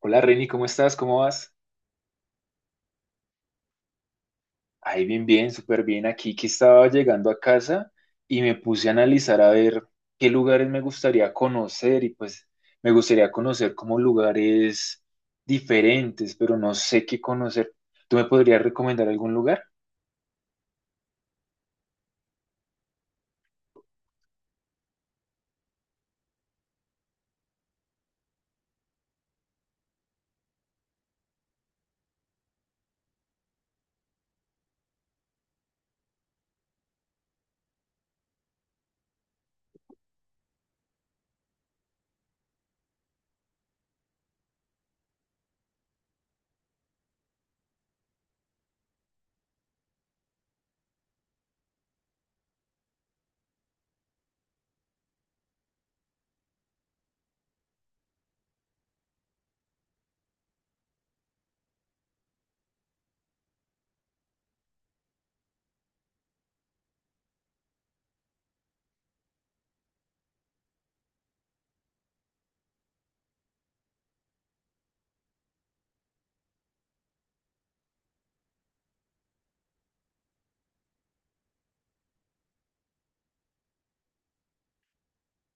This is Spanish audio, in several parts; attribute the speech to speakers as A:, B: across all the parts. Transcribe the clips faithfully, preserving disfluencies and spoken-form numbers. A: Hola Reni, ¿cómo estás? ¿Cómo vas? Ay, bien, bien, súper bien. Aquí que estaba llegando a casa y me puse a analizar a ver qué lugares me gustaría conocer y pues me gustaría conocer como lugares diferentes, pero no sé qué conocer. ¿Tú me podrías recomendar algún lugar?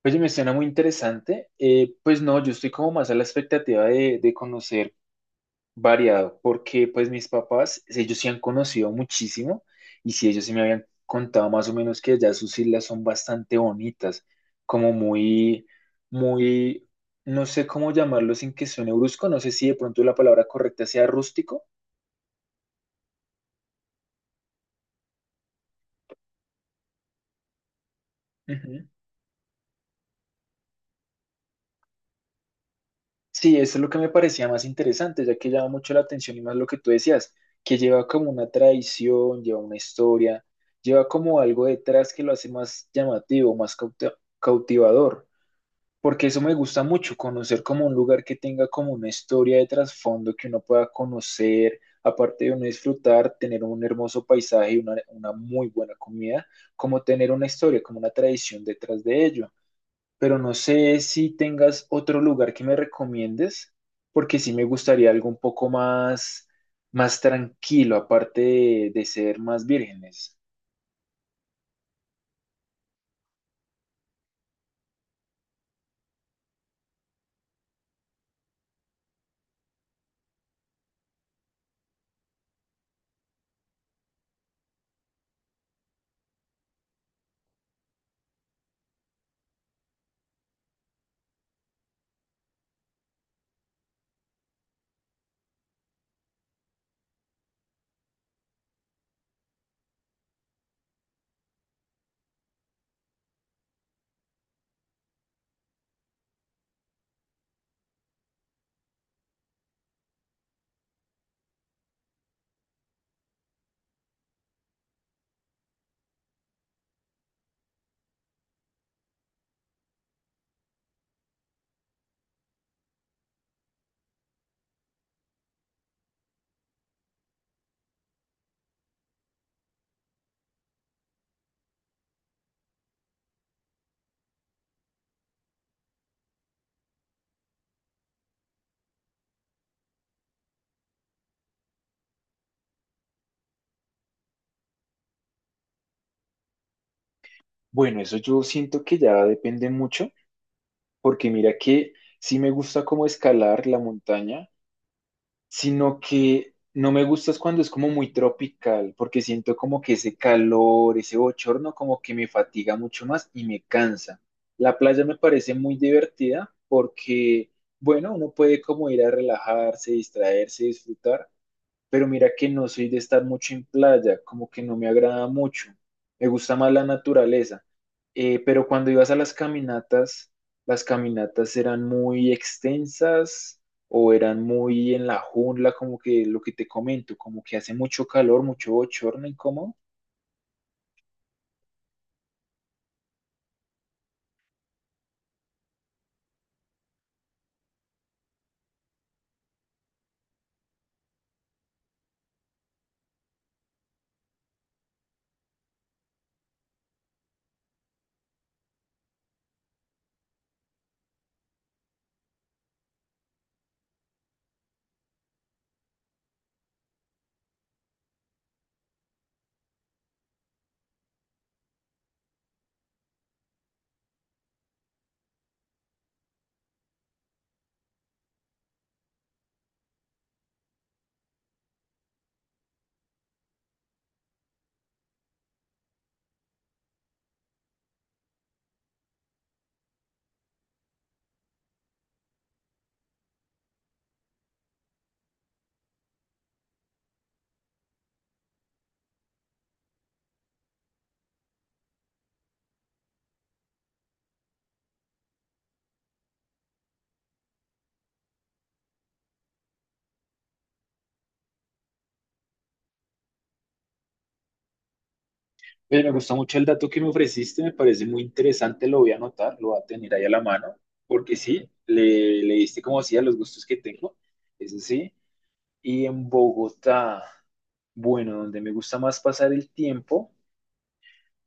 A: Oye, me suena muy interesante. Eh, pues no, yo estoy como más a la expectativa de, de conocer variado, porque pues mis papás, ellos sí han conocido muchísimo y sí ellos sí me habían contado más o menos que allá sus islas son bastante bonitas, como muy, muy, no sé cómo llamarlo sin que suene brusco, no sé si de pronto la palabra correcta sea rústico. Ujú. Sí, eso es lo que me parecía más interesante, ya que llama mucho la atención y más lo que tú decías, que lleva como una tradición, lleva una historia, lleva como algo detrás que lo hace más llamativo, más cauti- cautivador. Porque eso me gusta mucho, conocer como un lugar que tenga como una historia de trasfondo que uno pueda conocer, aparte de uno disfrutar, tener un hermoso paisaje y una, una muy buena comida, como tener una historia, como una tradición detrás de ello. Pero no sé si tengas otro lugar que me recomiendes, porque sí me gustaría algo un poco más, más tranquilo, aparte de de ser más vírgenes. Bueno, eso yo siento que ya depende mucho porque mira que sí me gusta como escalar la montaña, sino que no me gusta es cuando es como muy tropical, porque siento como que ese calor, ese bochorno como que me fatiga mucho más y me cansa. La playa me parece muy divertida porque, bueno, uno puede como ir a relajarse, distraerse, disfrutar, pero mira que no soy de estar mucho en playa, como que no me agrada mucho, me gusta más la naturaleza. Eh, pero cuando ibas a las caminatas, las caminatas eran muy extensas o eran muy en la jungla, como que lo que te comento, como que hace mucho calor, mucho bochorno, incómodo. Pero me gusta mucho el dato que me ofreciste, me parece muy interesante, lo voy a anotar, lo voy a tener ahí a la mano, porque sí, le, le diste como así a los gustos que tengo, eso sí. Y en Bogotá, bueno, donde me gusta más pasar el tiempo,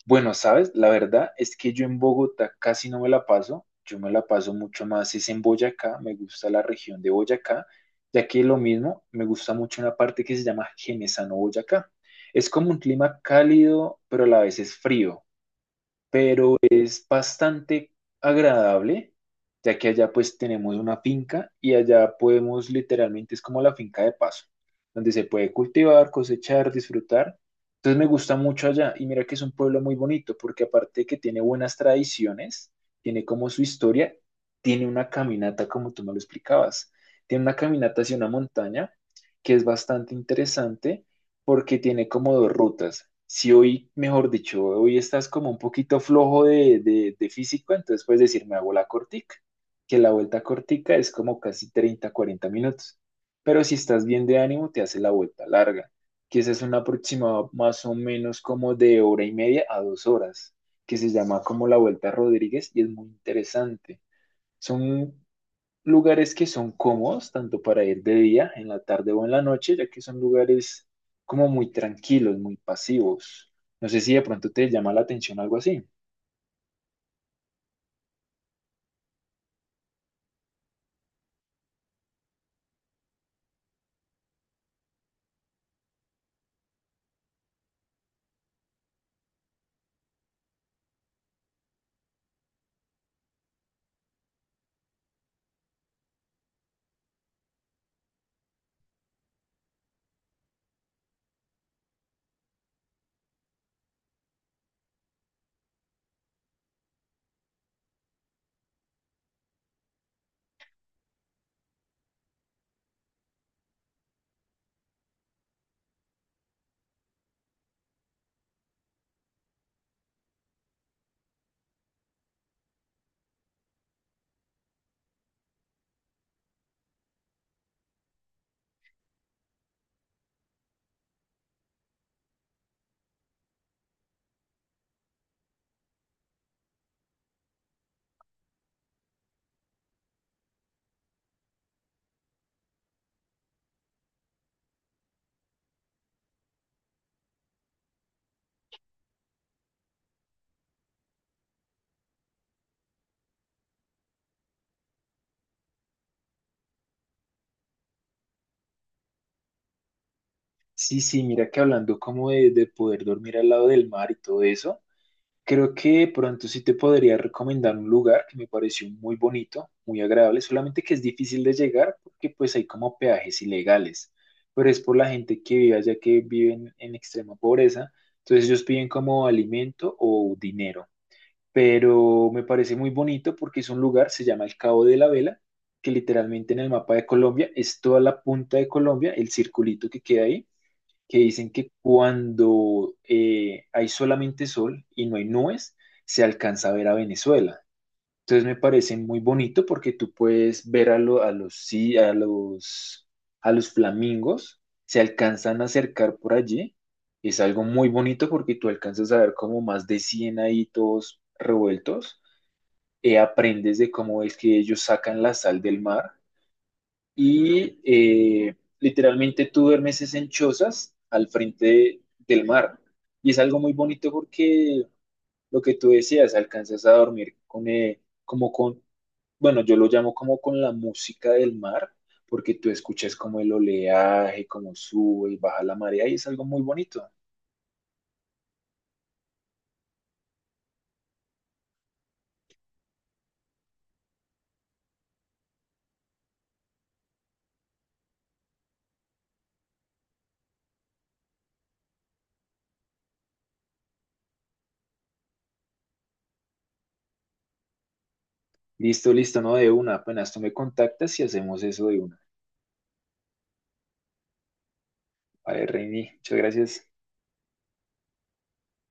A: bueno, sabes, la verdad es que yo en Bogotá casi no me la paso, yo me la paso mucho más, es en Boyacá, me gusta la región de Boyacá, ya que lo mismo, me gusta mucho una parte que se llama Genesano Boyacá. Es como un clima cálido, pero a la vez es frío, es bastante agradable, ya que allá pues tenemos una finca y allá podemos literalmente, es como la finca de paso, donde se puede cultivar, cosechar, disfrutar. Entonces me gusta mucho allá y mira que es un pueblo muy bonito porque aparte de que tiene buenas tradiciones, tiene como su historia, tiene una caminata como tú me lo explicabas, tiene una caminata hacia una montaña que es bastante interesante porque tiene como dos rutas. Si hoy, mejor dicho, hoy estás como un poquito flojo de, de, de físico, entonces puedes decir, me hago la cortica, que la vuelta cortica es como casi treinta cuarenta minutos. Pero si estás bien de ánimo, te hace la vuelta larga, que esa es una aproximado más o menos como de hora y media a dos horas, que se llama como la vuelta Rodríguez y es muy interesante. Son lugares que son cómodos, tanto para ir de día, en la tarde o en la noche, ya que son lugares como muy tranquilos, muy pasivos. No sé si de pronto te llama la atención algo así. Sí, sí, mira que hablando como de, de poder dormir al lado del mar y todo eso, creo que de pronto sí te podría recomendar un lugar que me pareció muy bonito, muy agradable, solamente que es difícil de llegar porque pues hay como peajes ilegales, pero es por la gente que vive allá que viven en extrema pobreza, entonces ellos piden como alimento o dinero, pero me parece muy bonito porque es un lugar, se llama el Cabo de la Vela, que literalmente en el mapa de Colombia es toda la punta de Colombia, el circulito que queda ahí que dicen que cuando eh, hay solamente sol y no hay nubes, se alcanza a ver a Venezuela. Entonces me parece muy bonito porque tú puedes ver a, lo- a los, sí, a los, a los flamingos, se alcanzan a acercar por allí. Es algo muy bonito porque tú alcanzas a ver como más de cien ahí todos revueltos. Eh, aprendes de cómo es que ellos sacan la sal del mar y eh, literalmente tú duermes es en chozas al frente de- del mar. Y es algo muy bonito porque lo que tú decías, alcanzas a dormir con, eh, como con, bueno, yo lo llamo como con la música del mar, porque tú escuchas como el oleaje, como sube y baja la marea, y es algo muy bonito. Listo, listo, no de una, apenas tú me contactas y hacemos eso de una. Vale, Reini, muchas gracias.